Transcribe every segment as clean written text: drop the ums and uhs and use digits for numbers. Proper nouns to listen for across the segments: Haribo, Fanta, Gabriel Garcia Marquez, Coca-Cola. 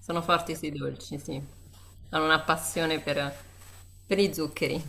Sono forti sui dolci, sì. Hanno una passione a zuccheri.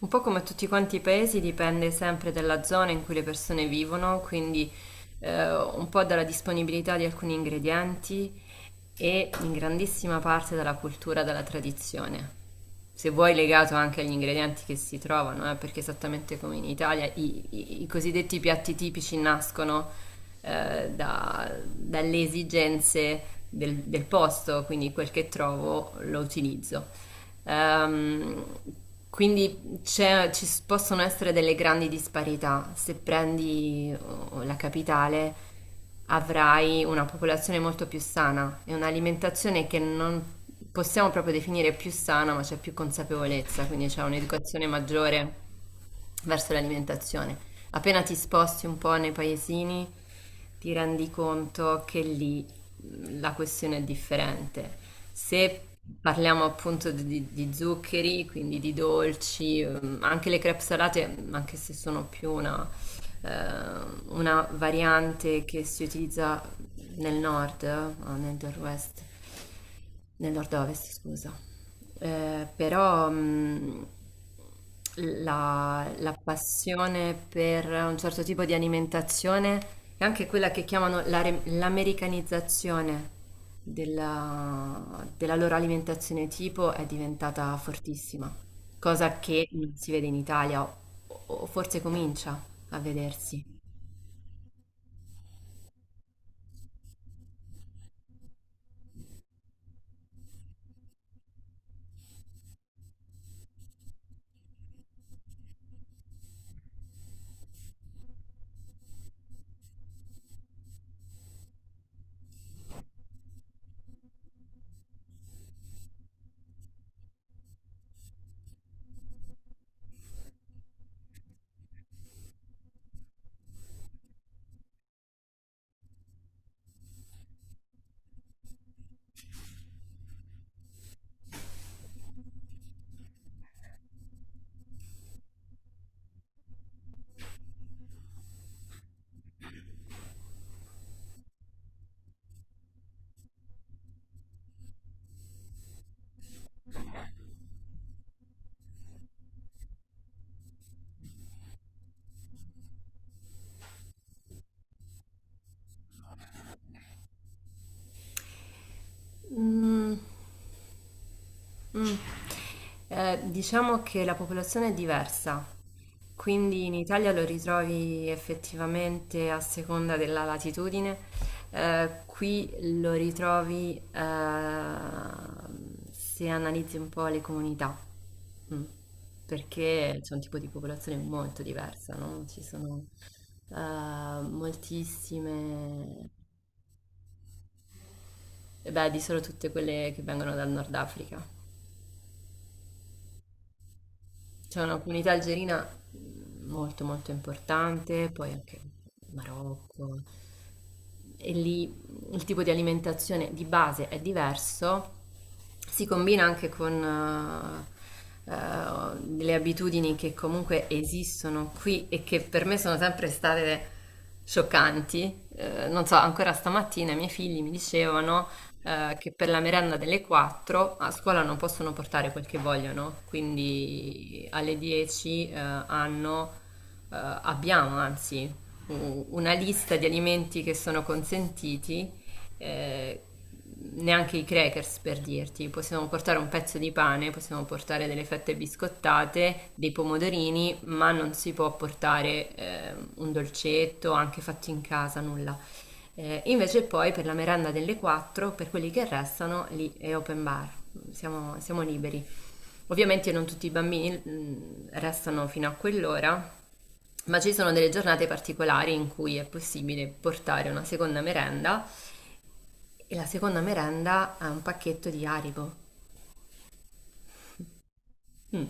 Un po' come tutti quanti i paesi, dipende sempre dalla zona in cui le persone vivono, quindi un po' dalla disponibilità di alcuni ingredienti e in grandissima parte dalla cultura, dalla tradizione. Se vuoi legato anche agli ingredienti che si trovano, perché esattamente come in Italia i cosiddetti piatti tipici nascono dalle esigenze del posto, quindi quel che trovo lo utilizzo. Ehm, quindi possono essere delle grandi disparità. Se prendi oh, la capitale, avrai una popolazione molto più sana e un'alimentazione che non possiamo proprio definire più sana, ma c'è più consapevolezza, quindi c'è un'educazione maggiore verso l'alimentazione. Appena ti sposti un po' nei paesini, ti rendi conto che lì la questione è differente. Se parliamo appunto di, zuccheri, quindi di dolci, anche le crepe salate, anche se sono più una variante che si utilizza nel nord, o nel nord-west nel nord-ovest, scusa. Però La, passione per un certo tipo di alimentazione è anche quella che chiamano l'americanizzazione della loro alimentazione tipo è diventata fortissima, cosa che non si vede in Italia, o forse comincia a vedersi. Mm, mm. Diciamo che la popolazione è diversa, quindi in Italia lo ritrovi effettivamente a seconda della latitudine. Qui lo ritrovi, se analizzi un po' le comunità, mm, perché c'è un tipo di popolazione molto diversa, no? Ci sono, moltissime, beh, di solo tutte quelle che vengono dal Nord Africa. C'è una comunità algerina molto molto importante, poi anche Marocco. E lì il tipo di alimentazione di base è diverso, si combina anche con delle abitudini che comunque esistono qui e che per me sono sempre state scioccanti. Non so, ancora stamattina i miei figli mi dicevano che per la merenda delle 4 a scuola non possono portare quel che vogliono, quindi alle 10, abbiamo anzi una lista di alimenti che sono consentiti, eh, neanche i crackers per dirti, possiamo portare un pezzo di pane, possiamo portare delle fette biscottate, dei pomodorini, ma non si può portare un dolcetto, anche fatto in casa, nulla. Invece poi per la merenda delle 4, per quelli che restano, lì è open bar, siamo liberi. Ovviamente non tutti i bambini, restano fino a quell'ora, ma ci sono delle giornate particolari in cui è possibile portare una seconda merenda e la seconda merenda è un pacchetto di Haribo. Mm.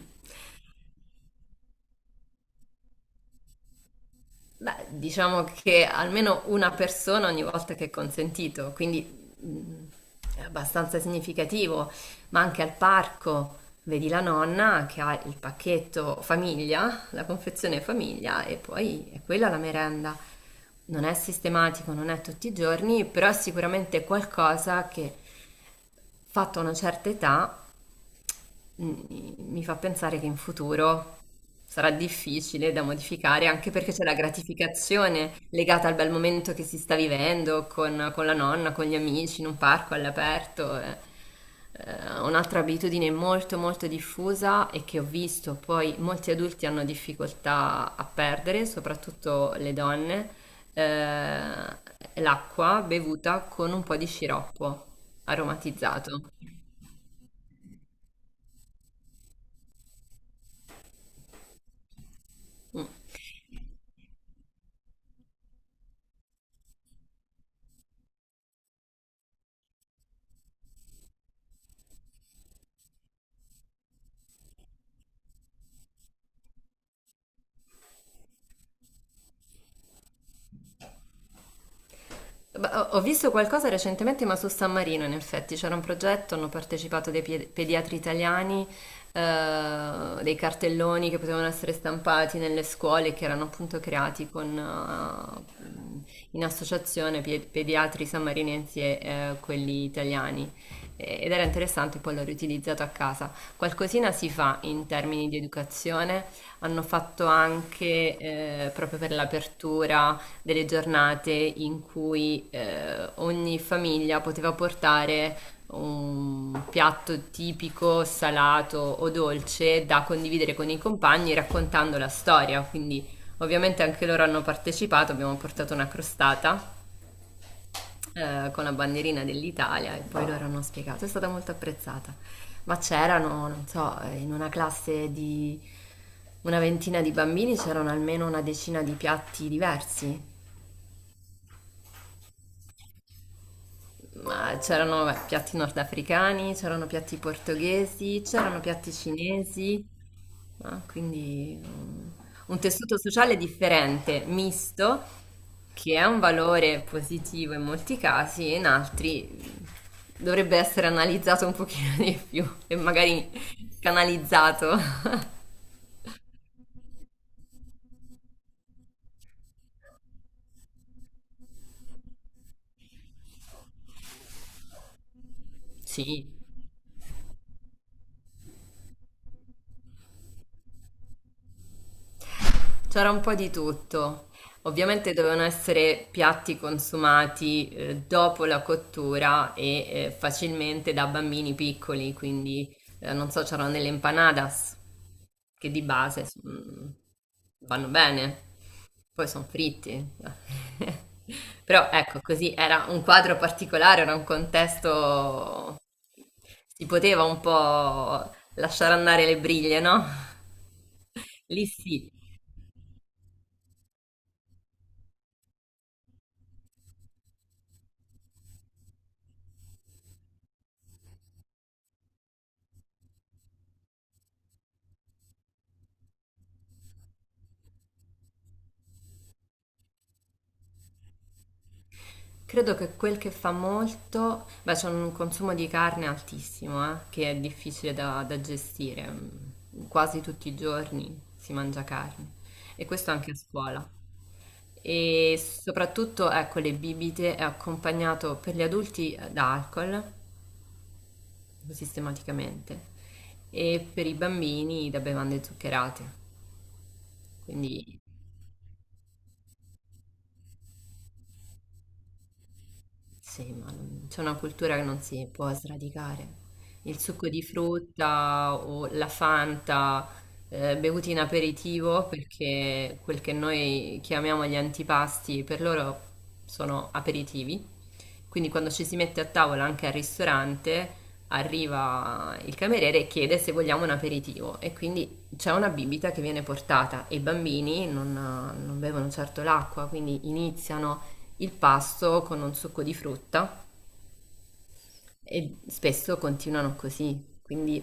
Beh, diciamo che almeno una persona ogni volta che è consentito, quindi è abbastanza significativo, ma anche al parco vedi la nonna che ha il pacchetto famiglia, la confezione famiglia e poi è quella la merenda. Non è sistematico, non è tutti i giorni, però è sicuramente qualcosa che fatta una certa età mi fa pensare che in futuro sarà difficile da modificare, anche perché c'è la gratificazione legata al bel momento che si sta vivendo con la nonna, con gli amici, in un parco all'aperto. Un'altra abitudine molto molto diffusa e che ho visto poi molti adulti hanno difficoltà a perdere, soprattutto le donne, l'acqua bevuta con un po' di sciroppo aromatizzato. Mm. Beh, ho visto qualcosa recentemente, ma su San Marino, in effetti, c'era un progetto, hanno partecipato dei pediatri italiani, dei cartelloni che potevano essere stampati nelle scuole, che erano appunto creati con, in associazione pediatri sammarinensi e, quelli italiani. Ed era interessante, poi l'ho riutilizzato a casa. Qualcosina si fa in termini di educazione, hanno fatto anche, proprio per l'apertura delle giornate in cui, ogni famiglia poteva portare un piatto tipico, salato o dolce da condividere con i compagni raccontando la storia. Quindi ovviamente anche loro hanno partecipato, abbiamo portato una crostata con la bandierina dell'Italia e poi loro hanno spiegato, è stata molto apprezzata. Ma c'erano, non so, in una classe di una ventina di bambini c'erano almeno una decina di piatti diversi. Ma c'erano, beh, piatti nordafricani, c'erano piatti portoghesi, c'erano piatti cinesi, ah, quindi un tessuto sociale differente, misto, che è un valore positivo in molti casi e in altri dovrebbe essere analizzato un pochino di più e magari canalizzato. Sì, c'era un po' di tutto. Ovviamente dovevano essere piatti consumati, dopo la cottura e, facilmente da bambini piccoli, quindi, non so, c'erano delle empanadas che di base, vanno bene, poi sono fritti. Però ecco, così era un quadro particolare, era un contesto, si poteva un po' lasciare andare le briglie, no? Lì sì. Credo che quel che fa molto, beh, c'è un consumo di carne altissimo, che è difficile da gestire. Quasi tutti i giorni si mangia carne e questo anche a scuola. E soprattutto, ecco, le bibite è accompagnato per gli adulti, da alcol, sistematicamente, e per i bambini da bevande zuccherate. Quindi sì, ma c'è una cultura che non si può sradicare. Il succo di frutta o la Fanta, bevuti in aperitivo, perché quel che noi chiamiamo gli antipasti, per loro sono aperitivi. Quindi quando ci si mette a tavola anche al ristorante, arriva il cameriere e chiede se vogliamo un aperitivo e quindi c'è una bibita che viene portata e i bambini non bevono certo l'acqua, quindi iniziano il pasto con un succo di frutta e spesso continuano così. Quindi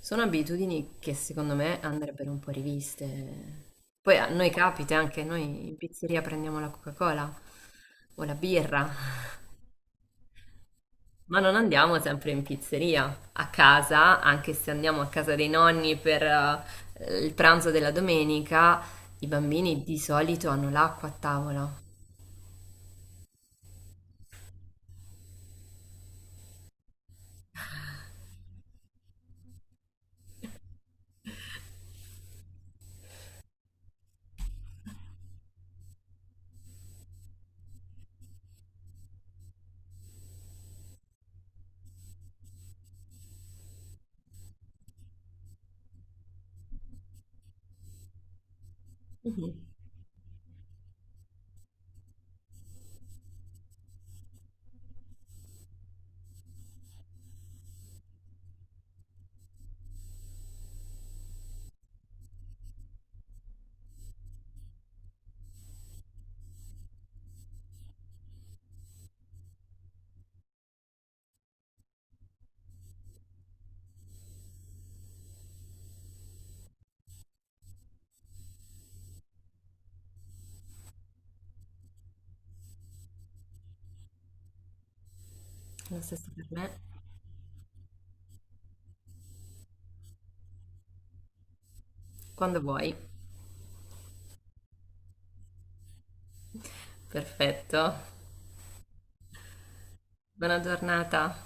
sono abitudini che secondo me andrebbero un po' riviste. Poi a noi capita anche, noi in pizzeria prendiamo la Coca-Cola o la birra. Ma non andiamo sempre in pizzeria, a casa, anche se andiamo a casa dei nonni per, il pranzo della domenica, i bambini di solito hanno l'acqua a tavola. Lo stesso per me. Quando vuoi. Perfetto. Buona giornata.